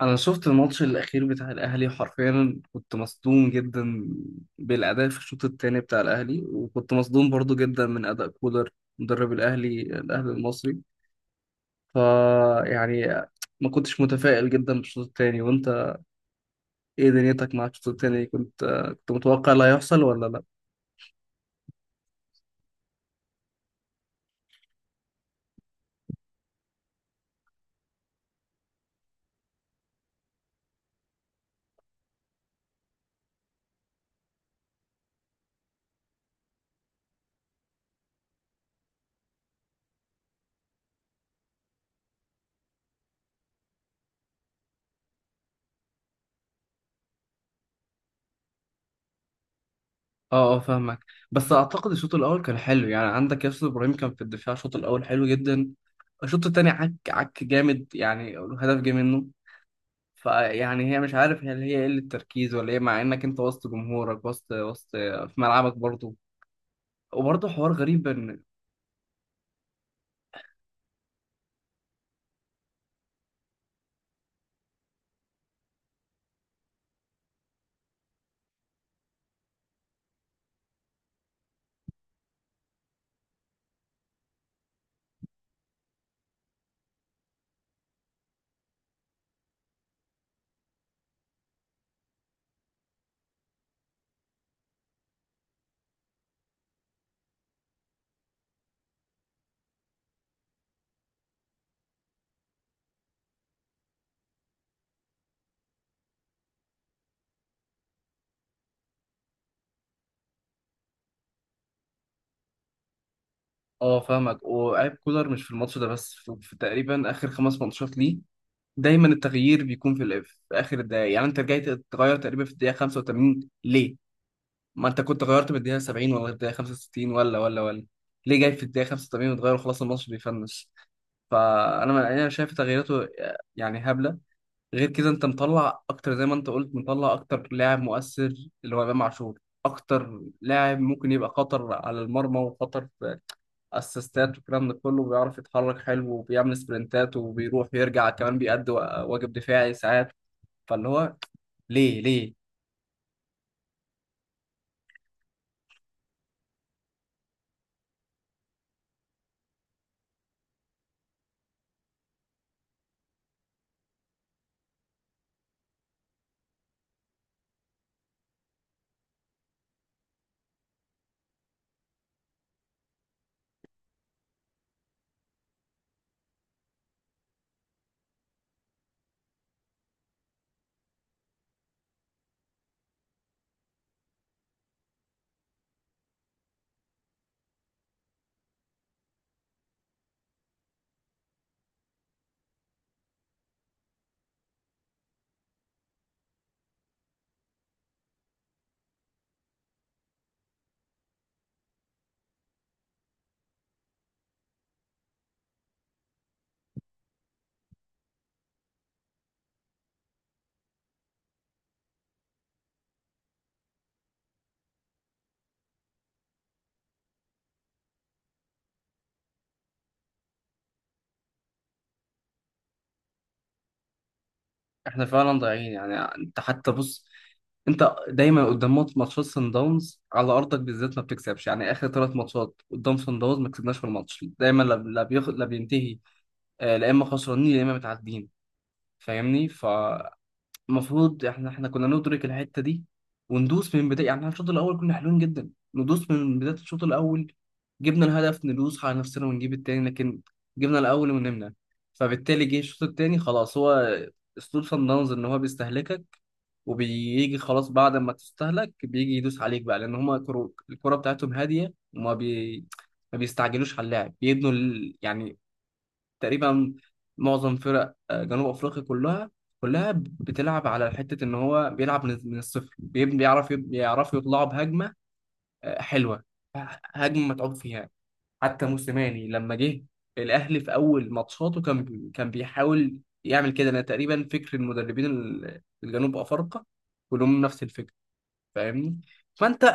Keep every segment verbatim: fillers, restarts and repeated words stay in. انا شفت الماتش الاخير بتاع الاهلي حرفيا كنت مصدوم جدا بالاداء في الشوط الثاني بتاع الاهلي وكنت مصدوم برضو جدا من اداء كولر مدرب الاهلي الاهلي المصري. ف يعني ما كنتش متفائل جدا بالشوط الثاني. وانت ايه دنيتك مع الشوط الثاني؟ كنت كنت متوقع اللي هيحصل ولا لا؟ اه، اه، فاهمك. بس اعتقد الشوط الاول كان حلو، يعني عندك ياسر ابراهيم كان في الدفاع، الشوط الاول حلو جدا. الشوط الثاني عك عك جامد، يعني هدف جه منه. فيعني هي مش عارف، هل هي قلة تركيز ولا ايه، مع انك انت وسط جمهورك، وسط وسط في ملعبك برضه، وبرضه حوار غريب ان اه فاهمك. وعيب كولر مش في الماتش ده بس، في, في تقريبا اخر خمس ماتشات ليه دايما التغيير بيكون في, الإف... في اخر الدقايق؟ يعني انت رجعت تغير تقريبا في الدقيقة خمسة وتمانين، ليه؟ ما انت كنت غيرت من الدقيقة سبعين ولا الدقيقة خمسة وستين، ولا ولا ولا ليه جاي في الدقيقة خمسة وتمانين وتغير وخلاص الماتش بيفنش؟ فانا انا شايف تغييراته يعني هبلة. غير كده انت مطلع اكتر، زي ما انت قلت، مطلع اكتر لاعب مؤثر، اللي هو امام عاشور، اكتر لاعب ممكن يبقى خطر على المرمى، وخطر في اسيستات والكلام ده كله، وبيعرف يتحرك حلو وبيعمل سبرنتات وبيروح ويرجع، كمان بيأدي واجب دفاعي ساعات. فاللي هو ليه ليه؟ احنا فعلا ضايعين. يعني انت حتى بص، انت دايما قدام مات- ماتشات سان داونز على ارضك بالذات ما بتكسبش. يعني اخر ثلاث ماتشات قدام سان داونز ما كسبناش في الماتش، دايما لا لا بيخ... لا بينتهي، آه، لا اما خسرانين يا اما متعادلين. فاهمني؟ فالمفروض احنا احنا كنا ندرك الحته دي وندوس من بدايه، يعني احنا الشوط الاول كنا حلوين جدا، ندوس من بدايه الشوط الاول، جبنا الهدف ندوس على نفسنا ونجيب التاني، لكن جبنا الاول ونمنا. فبالتالي جه الشوط التاني خلاص. هو اسلوب صن داونز ان هو بيستهلكك، وبيجي خلاص بعد ما تستهلك بيجي يدوس عليك بقى، لان هما كرو... الكرة بتاعتهم هادية، وما بي... ما بيستعجلوش على اللاعب، بيبنوا ال... يعني تقريبا معظم فرق آه، جنوب افريقيا كلها، كلها بتلعب على حته ان هو بيلعب من من الصفر، بيب- بيعرف بيعرفوا يطلعوا بهجمه آه، حلوه، هجمه متعوب فيها. حتى موسيماني لما جه الاهلي في اول ماتشاته كان بي- كان بيحاول يعمل كده. انا تقريبا فكر المدربين ال- الجنوب افارقه كلهم نفس الفكره، فاهمني؟ فانت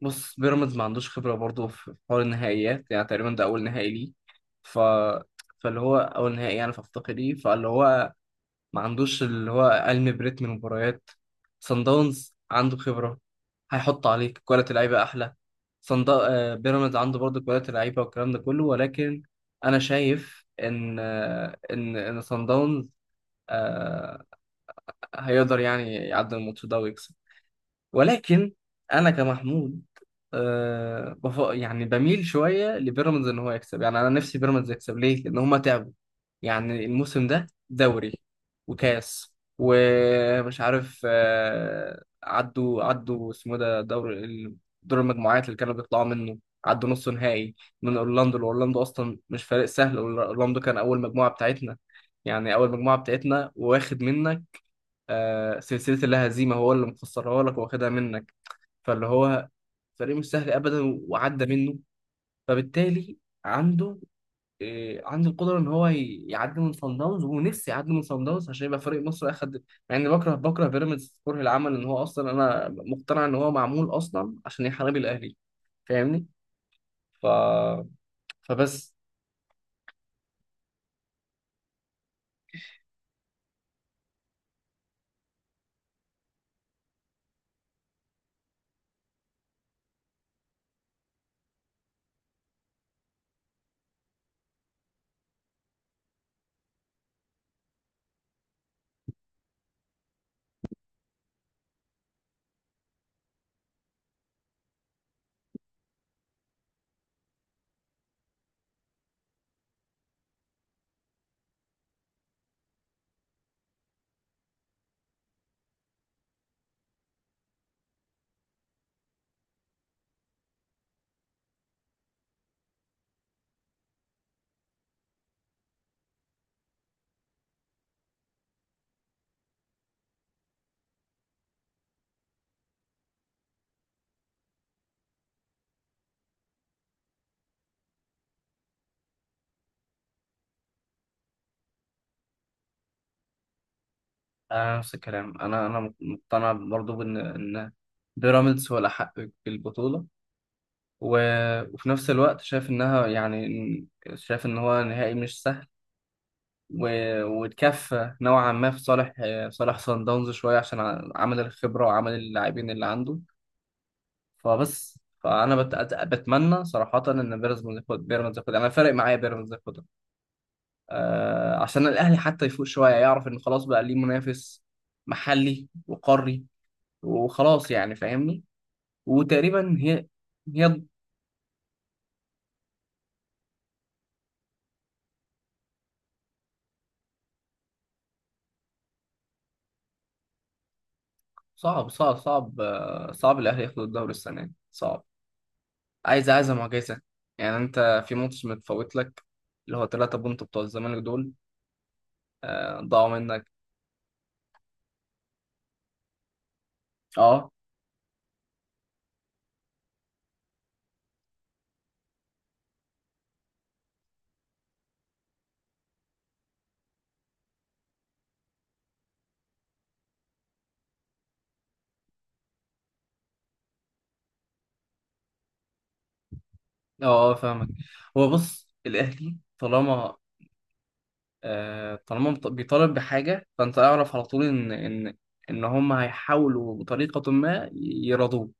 بص، بيراميدز ما عندوش خبرة برضه في حوار النهائيات، يعني تقريبا ده أول نهائي ليه. ف... فاللي هو أول نهائي يعني في أفريقيا ليه، فاللي هو ما عندوش اللي هو علم بريتم المباريات. صن داونز عنده خبرة، هيحط عليك كواليتي لعيبة أحلى. صن دا... آه، بيراميدز عنده برضه كواليتي لعيبة والكلام ده كله، ولكن أنا شايف إن آه، إن إن صن داونز آه، هيقدر يعني يعدي الماتش ده ويكسب. ولكن انا كمحمود أه بف... يعني بميل شويه لبيراميدز ان هو يكسب. يعني انا نفسي بيراميدز يكسب، ليه؟ لان هما تعبوا، يعني الموسم ده دوري وكاس ومش عارف أه عدوا عدوا اسمه ده دور ال- دور المجموعات اللي كانوا بيطلعوا منه، عدوا نص نهائي من اورلاندو. اورلاندو اصلا مش فريق سهل، اورلاندو كان اول مجموعه بتاعتنا، يعني اول مجموعه بتاعتنا واخد منك أه سلسله اللا هزيمه، هو اللي مخسرها لك واخدها منك. فاللي هو فريق مش سهل ابدا، وعدى منه. فبالتالي عنده إيه، عنده القدره ان هو ي- يعدي من صن داونز، ونفسي يعدي من صن داونز عشان يبقى فريق مصر اخد، مع اني بكره، بكره بيراميدز كره العمل ان هو اصلا، انا مقتنع ان هو معمول اصلا عشان يحارب الاهلي، فاهمني؟ ف... فبس انا نفس الكلام، انا انا مقتنع برضو بان ان بيراميدز هو الاحق بالبطوله. و... وفي نفس الوقت شايف انها يعني إن- شايف ان هو نهائي مش سهل، و- واتكفى نوعا ما في صالح آه، صالح صن داونز شويه، عشان ع- عمل الخبره وعمل اللاعبين اللي عنده. فبس فانا بت... أت- بتمنى صراحه ان بيراميدز ياخد، بيراميدز ياخد، انا فارق معايا بيراميدز ياخدها، آه، عشان الاهلي حتى يفوق شويه يعرف ان خلاص بقى ليه منافس محلي وقاري، وخلاص يعني فاهمني؟ وتقريبا هي هي صعب، صعب، صعب، آه، صعب الاهلي ياخد الدوري السنه دي. صعب، عايز، عايزة معجزة. يعني انت في ماتش متفوت لك اللي هو ثلاثة بونت بتوع الزمالك دول، آه، ضاعوا منك. اه، اه، فاهمك. هو بص، الاهلي طالما آه طالما بت- بيطالب بحاجة، فانت اعرف على طول ان ان ان هم هيحاولوا بطريقة ما يرضوه.